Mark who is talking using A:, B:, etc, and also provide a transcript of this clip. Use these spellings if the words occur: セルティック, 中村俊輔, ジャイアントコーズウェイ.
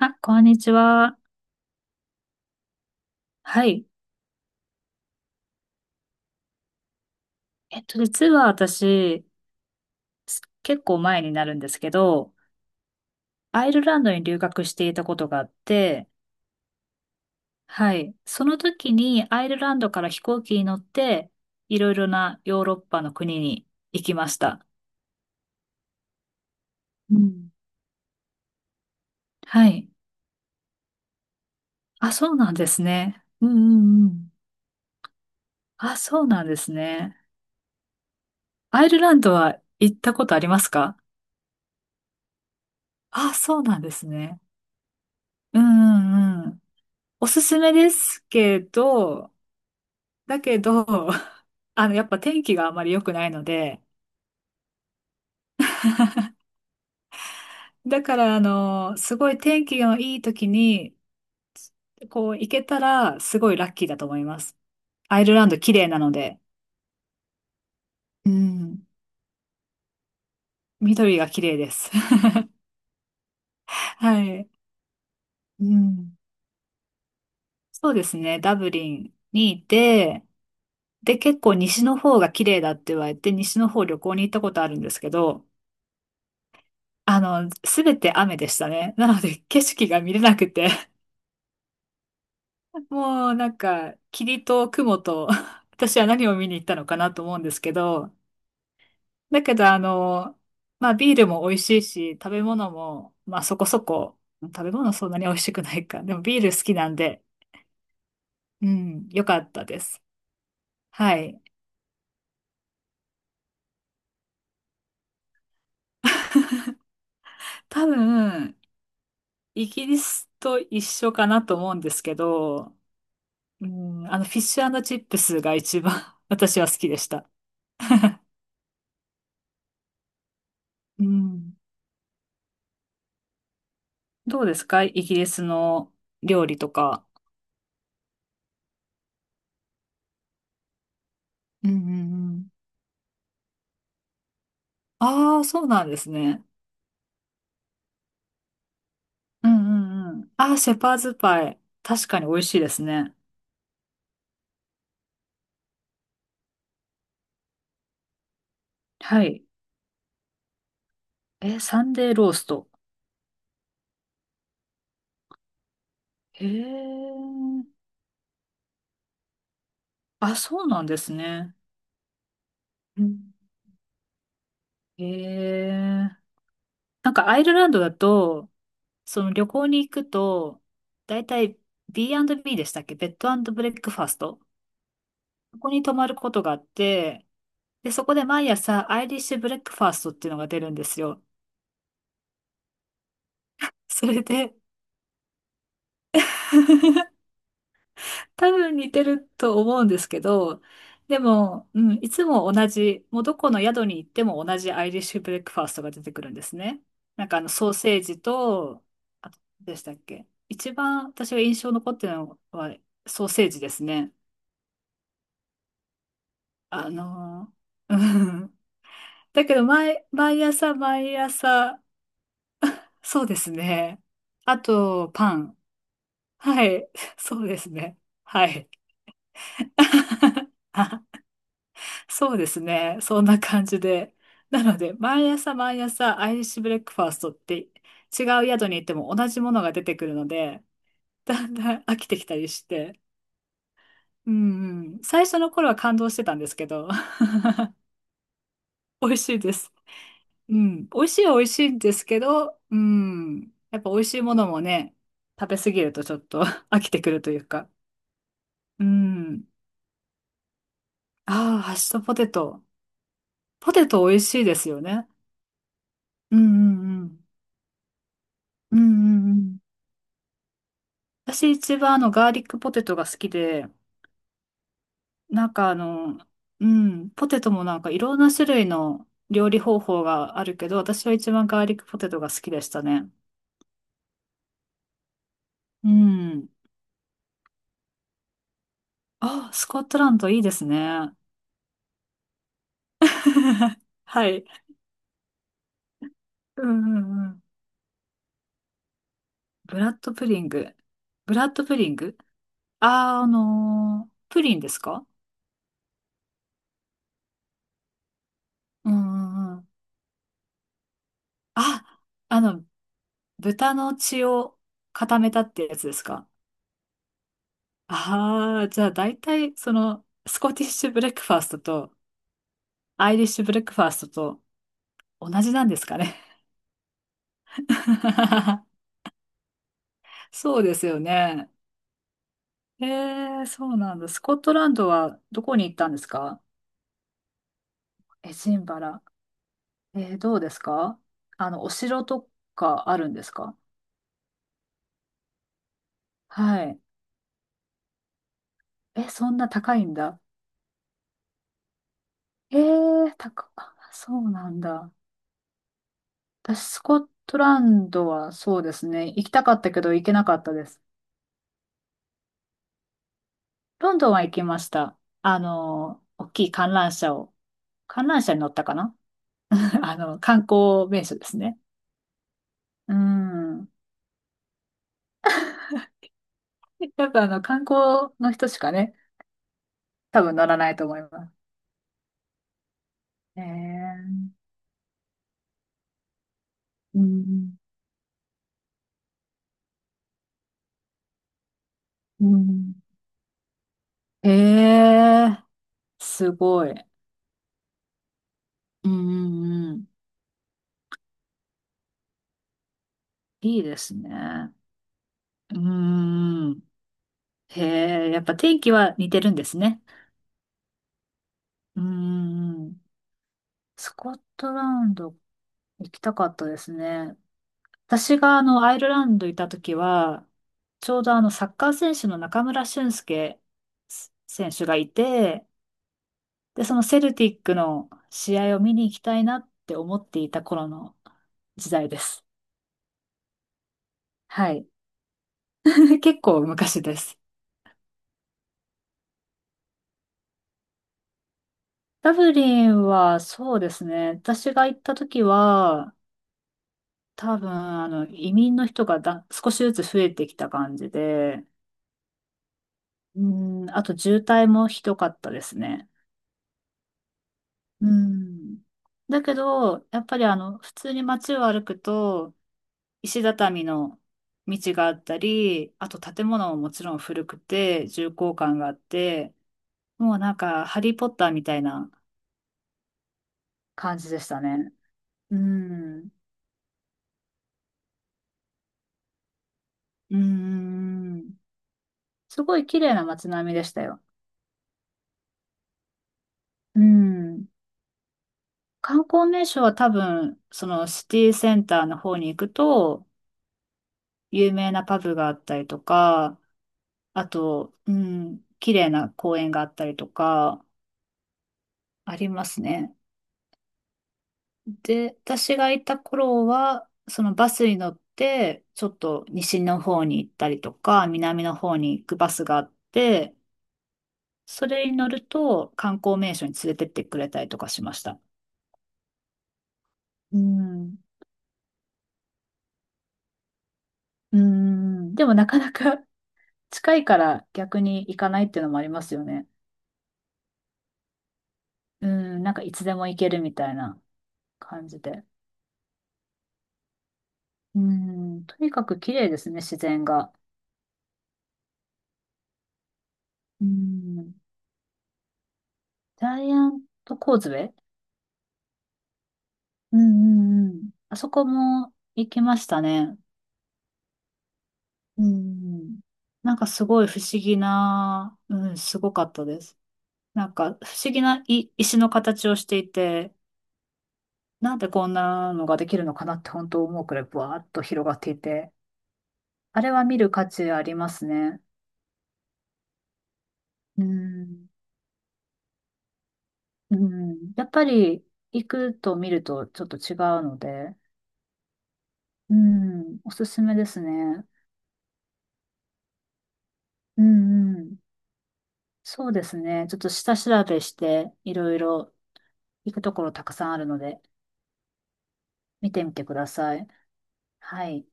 A: あ、こんにちは。はい。実は私、結構前になるんですけど、アイルランドに留学していたことがあって、はい。その時にアイルランドから飛行機に乗って、いろいろなヨーロッパの国に行きました。うん。はい。あ、そうなんですね。うんうんうん。あ、そうなんですね。アイルランドは行ったことありますか？あ、そうなんですね。うんうんうん。おすすめですけど、だけど、やっぱ天気があまり良くないので、だから、すごい天気のいい時に、こう、行けたら、すごいラッキーだと思います。アイルランド綺麗なので、うん、緑が綺麗です。はい。うん。そうですね。ダブリンにいて、で、結構西の方が綺麗だって言われて、西の方旅行に行ったことあるんですけど、すべて雨でしたね。なので、景色が見れなくてもうなんか、霧と雲と 私は何を見に行ったのかなと思うんですけど、だけどあの、まあビールも美味しいし、食べ物も、まあそこそこ、食べ物そんなに美味しくないか。でもビール好きなんで、うん、良かったです。はい。多分、イギリスと一緒かなと思うんですけど、うん、フィッシュチップスが一番 私は好きでした。うん。どうですかイギリスの料理とか。うんうんうん。ああ、そうなんですね。うんうんうん。ああ、シェパーズパイ。確かに美味しいですね。はい。え、サンデーロースト。へえ。あ、そうなんですね。うんへえ。なんかアイルランドだと、その旅行に行くと、だいたい B&B でしたっけ？ベッドブレックファースト。ここに泊まることがあって、で、そこで毎朝アイリッシュブレックファーストっていうのが出るんですよ。それで、多分似てると思うんですけど、でも、うん、いつも同じ、もうどこの宿に行っても同じアイリッシュブレックファーストが出てくるんですね。なんかあのソーセージと、あと、でしたっけ一番私が印象残ってるのはソーセージですね。あのうん。だけど毎、毎朝毎朝、そうですね。あと、パン。はい。そうですね。はい。そうですね。そんな感じで。なので、毎朝毎朝アイリッシュブレックファーストって違う宿に行っても同じものが出てくるので、だんだん飽きてきたりして。うんうん。最初の頃は感動してたんですけど、美味しいです。うん。美味しいは美味しいんですけど、うん。やっぱ美味しいものもね、食べ過ぎるとちょっと 飽きてくるというか。うん。ああ、ハッシュドポテト。ポテト美味しいですよね。うんうんうん。うんうんうん。私一番あのガーリックポテトが好きで、なんかあの、うん、ポテトもなんかいろんな種類の料理方法があるけど、私は一番ガーリックポテトが好きでしたね。うん。あ、スコットランドいいですね。はい。うんうんうん。ブラッドプリング。ブラッドプリング。あー、あのープリンですか？うんうんうん。あ、あの、豚の血を固めたってやつですか？ああ、じゃあ大体、その、スコティッシュブレックファーストと、アイリッシュブレックファーストと同じなんですかね。そうですよね。ええ、そうなんだ。スコットランドはどこに行ったんですか？エジンバラ。えー、どうですか？あの、お城とかあるんですか？はい。え、そんな高いんだ。ええ、高、あそうなんだ。私、スコットランドはそうですね。行きたかったけど行けなかったです。ロンドンは行きました。あの、大きい観覧車を、観覧車に乗ったかな。 あの、観光名所ですね。うん。やっぱあの、観光の人しかね、多分乗らないと思います。えー、うん、うん。えー、すごい。うん、うんうん。いいですね。うん。へえ、やっぱ天気は似てるんですね。うん。スコットランド行きたかったですね。私があの、アイルランドいた時は、ちょうどあの、サッカー選手の中村俊輔選手がいて、で、そのセルティックの試合を見に行きたいなって思っていた頃の時代です。はい。結構昔です。ダブリンはそうですね。私が行った時は、多分、あの、移民の人がだ、少しずつ増えてきた感じで、うん、あと渋滞もひどかったですね。うん。だけど、やっぱりあの、普通に街を歩くと、石畳の道があったり、あと建物ももちろん古くて、重厚感があって、もうなんか、ハリーポッターみたいな感じでしたね。うん。うん。すごい綺麗な街並みでしたよ。うん。観光名所は多分、そのシティセンターの方に行くと、有名なパブがあったりとか、あと、うん、綺麗な公園があったりとか、ありますね。で、私がいた頃は、そのバスに乗って、ちょっと西の方に行ったりとか、南の方に行くバスがあって、それに乗ると観光名所に連れてってくれたりとかしました。うん。うん。でもなかなか近いから逆に行かないっていうのもありますよね。うん。なんかいつでも行けるみたいな感じで。うん。とにかく綺麗ですね、自然が。うん。ジャイアントコーズウェイ。うんうんうん。あそこも行きましたね。うん。なんかすごい不思議な、うん、すごかったです。なんか不思議ない石の形をしていて、なんでこんなのができるのかなって本当思うくらいブワーッと広がっていて、あれは見る価値ありますね。うん。うん。やっぱり行くと見るとちょっと違うので、うん、おすすめですね。うんうん。そうですね。ちょっと下調べして、いろいろ行くところたくさんあるので、見てみてください。はい。